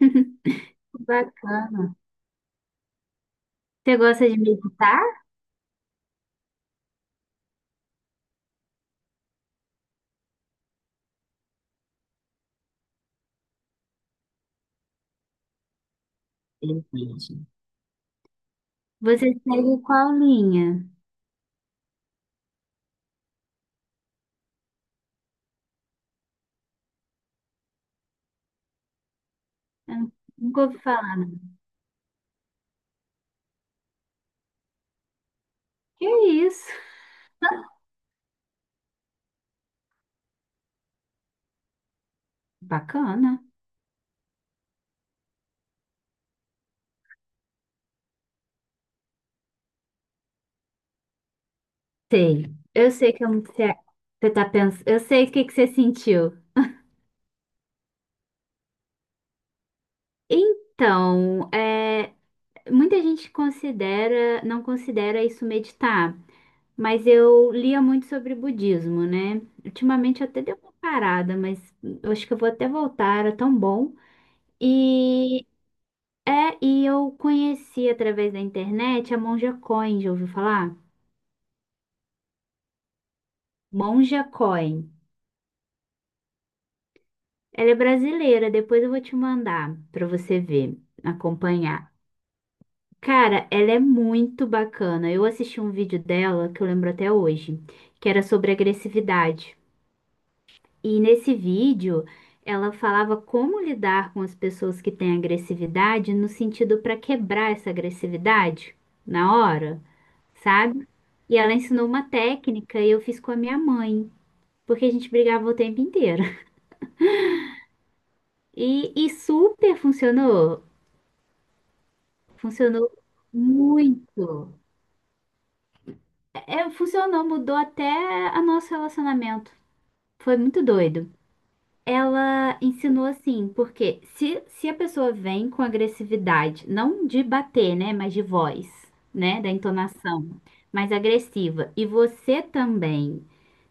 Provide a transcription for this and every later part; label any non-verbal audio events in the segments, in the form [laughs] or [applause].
[laughs] Bacana. Você gosta de meditar? Entendi. Você segue qual linha? Eu nunca ouvi falar, não. Que isso? Bacana. Sei. Eu sei que eu- Você, é, você tá pensando. Eu sei o que você sentiu. Então, é, muita gente não considera isso meditar, mas eu lia muito sobre budismo, né? Ultimamente eu até dei uma parada, mas eu acho que eu vou até voltar, era tão bom. e É, e eu conheci através da internet a Monja Coin, já ouviu falar? Monja Coin. Ela é brasileira, depois eu vou te mandar para você ver, acompanhar. Cara, ela é muito bacana. Eu assisti um vídeo dela que eu lembro até hoje, que era sobre agressividade. E nesse vídeo, ela falava como lidar com as pessoas que têm agressividade no sentido para quebrar essa agressividade na hora. Sabe? E ela ensinou uma técnica e eu fiz com a minha mãe, porque a gente brigava o tempo inteiro. [laughs] E super funcionou. Funcionou muito. É, funcionou, mudou até o nosso relacionamento. Foi muito doido. Ela ensinou assim, porque se a pessoa vem com agressividade, não de bater, né, mas de voz, né, da entonação, mais agressiva, e você também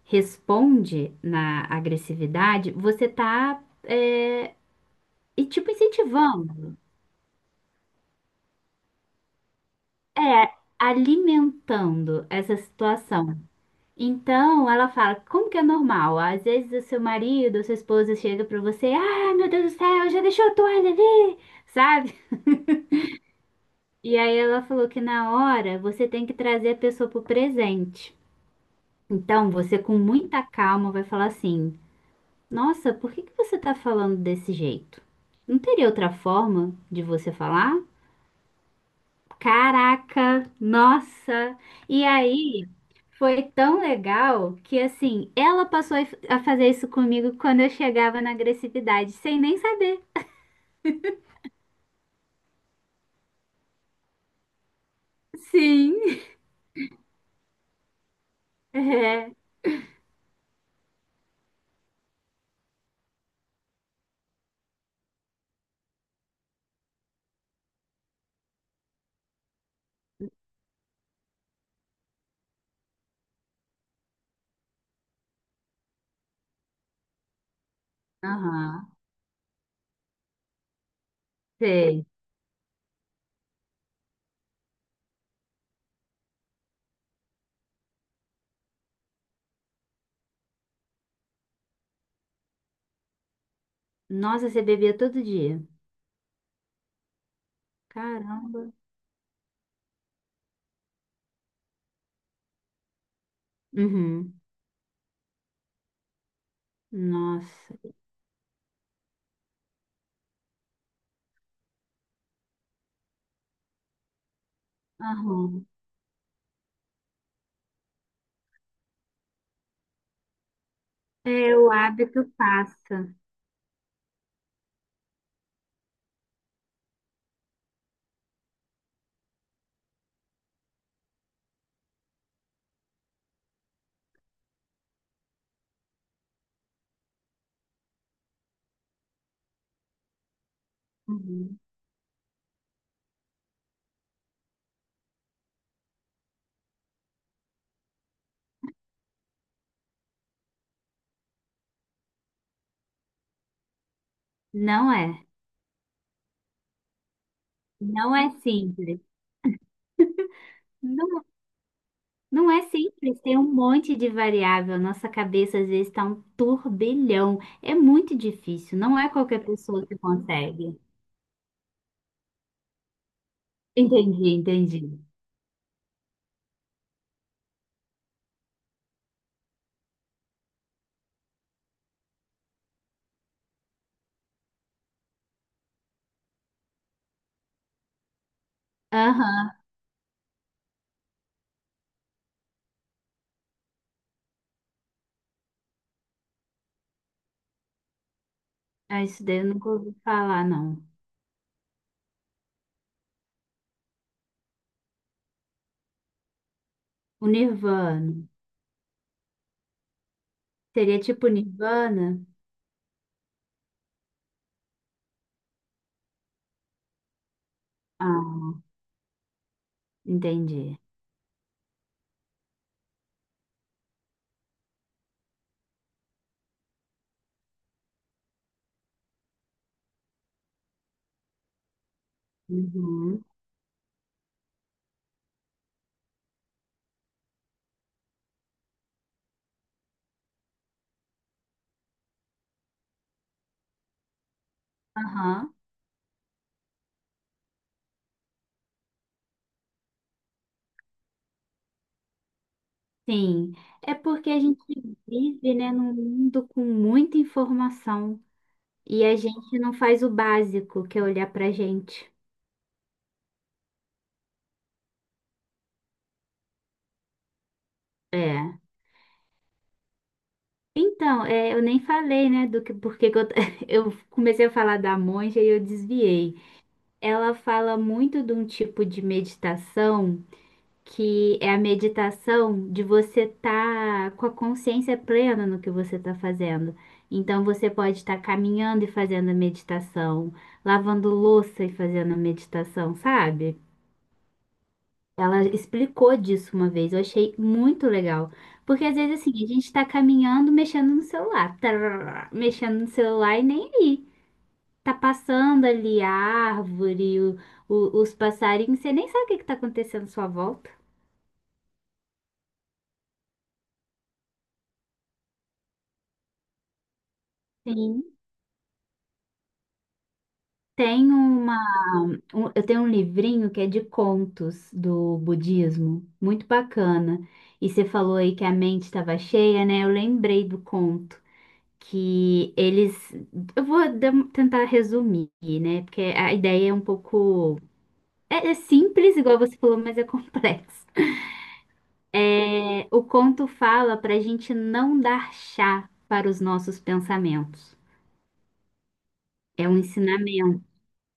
responde na agressividade, você tá, é, e tipo incentivando, é, alimentando essa situação. Então, ela fala, como que é normal? Às vezes o seu marido, a sua esposa chega pra você, ah, meu Deus do céu, já deixou a toalha ali? Sabe? E aí ela falou que na hora você tem que trazer a pessoa pro presente. Então, você com muita calma vai falar assim: "Nossa, por que que você tá falando desse jeito? Não teria outra forma de você falar?" Caraca, nossa! E aí foi tão legal que assim, ela passou a fazer isso comigo quando eu chegava na agressividade, sem nem saber. Sim. [laughs] É. Aham. Sei. Nossa, você bebia todo dia. Caramba. Uhum. Nossa. Aham. É, o hábito passa. Uhum. Não é. Não é simples. Não, não é simples. Tem um monte de variável. Nossa cabeça às vezes está um turbilhão. É muito difícil. Não é qualquer pessoa que consegue. Entendi, entendi. Aham. Ah, isso daí eu nunca ouvi falar, não. O Nirvana. Seria tipo Nirvana? Ah, entendi. Uhum. Aham. Sim, é porque a gente vive, né, num mundo com muita informação e a gente não faz o básico, que é olhar pra gente. É. Então, é, eu nem falei, né, do que porque que eu, [laughs] eu comecei a falar da monja e eu desviei. Ela fala muito de um tipo de meditação, que é a meditação de você estar com a consciência plena no que você está fazendo. Então, você pode estar caminhando e fazendo a meditação, lavando louça e fazendo a meditação, sabe? Ela explicou disso uma vez, eu achei muito legal. Porque às vezes assim, a gente está caminhando, mexendo no celular, tarará, mexendo no celular e nem aí. Tá passando ali a árvore, os passarinhos, você nem sabe o que que tá acontecendo à sua volta. Sim. Tem uma eu tenho um livrinho que é de contos do budismo, muito bacana. E você falou aí que a mente estava cheia, né? Eu lembrei do conto que eles, eu vou dar- um, tentar resumir, né? Porque a ideia é um pouco é simples, igual você falou, mas é [laughs] complexo. É, o conto fala para a gente não dar chá para os nossos pensamentos. É um ensinamento,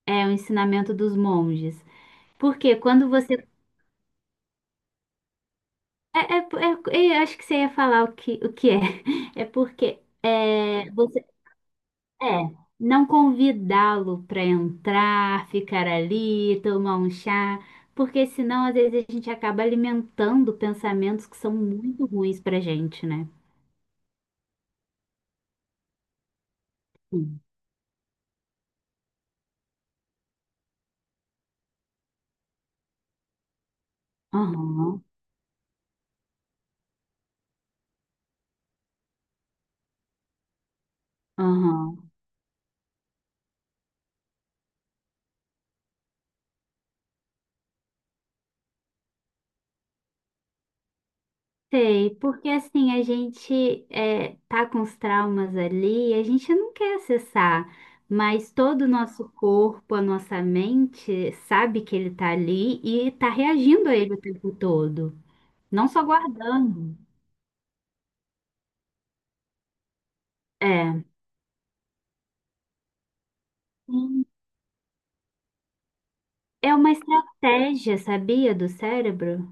é um ensinamento dos monges. Porque quando você eu acho que você ia falar o que é. [laughs] É porque é, você é não convidá-lo para entrar, ficar ali, tomar um chá, porque senão às vezes a gente acaba alimentando pensamentos que são muito ruins para gente, né? Sim. Aham, aham. Sei, porque assim, a gente é, tá com os traumas ali, e a gente não quer acessar, mas todo o nosso corpo, a nossa mente sabe que ele tá ali e tá reagindo a ele o tempo todo, não só guardando. É. Sim. É uma estratégia, sabia, do cérebro?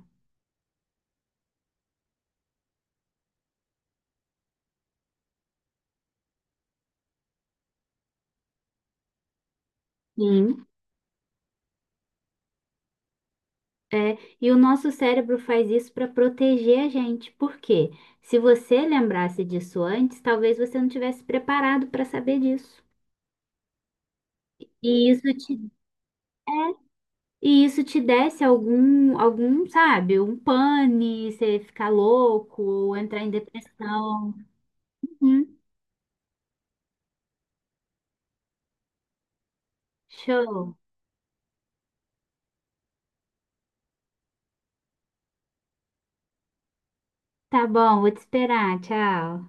Sim. É, e o nosso cérebro faz isso para proteger a gente. Por quê? Se você lembrasse disso antes, talvez você não tivesse preparado para saber disso. E isso te, é, e isso te desse algum, algum, sabe, um pane, você ficar louco, ou entrar em depressão. Uhum. Show. Tá bom, vou te esperar. Tchau.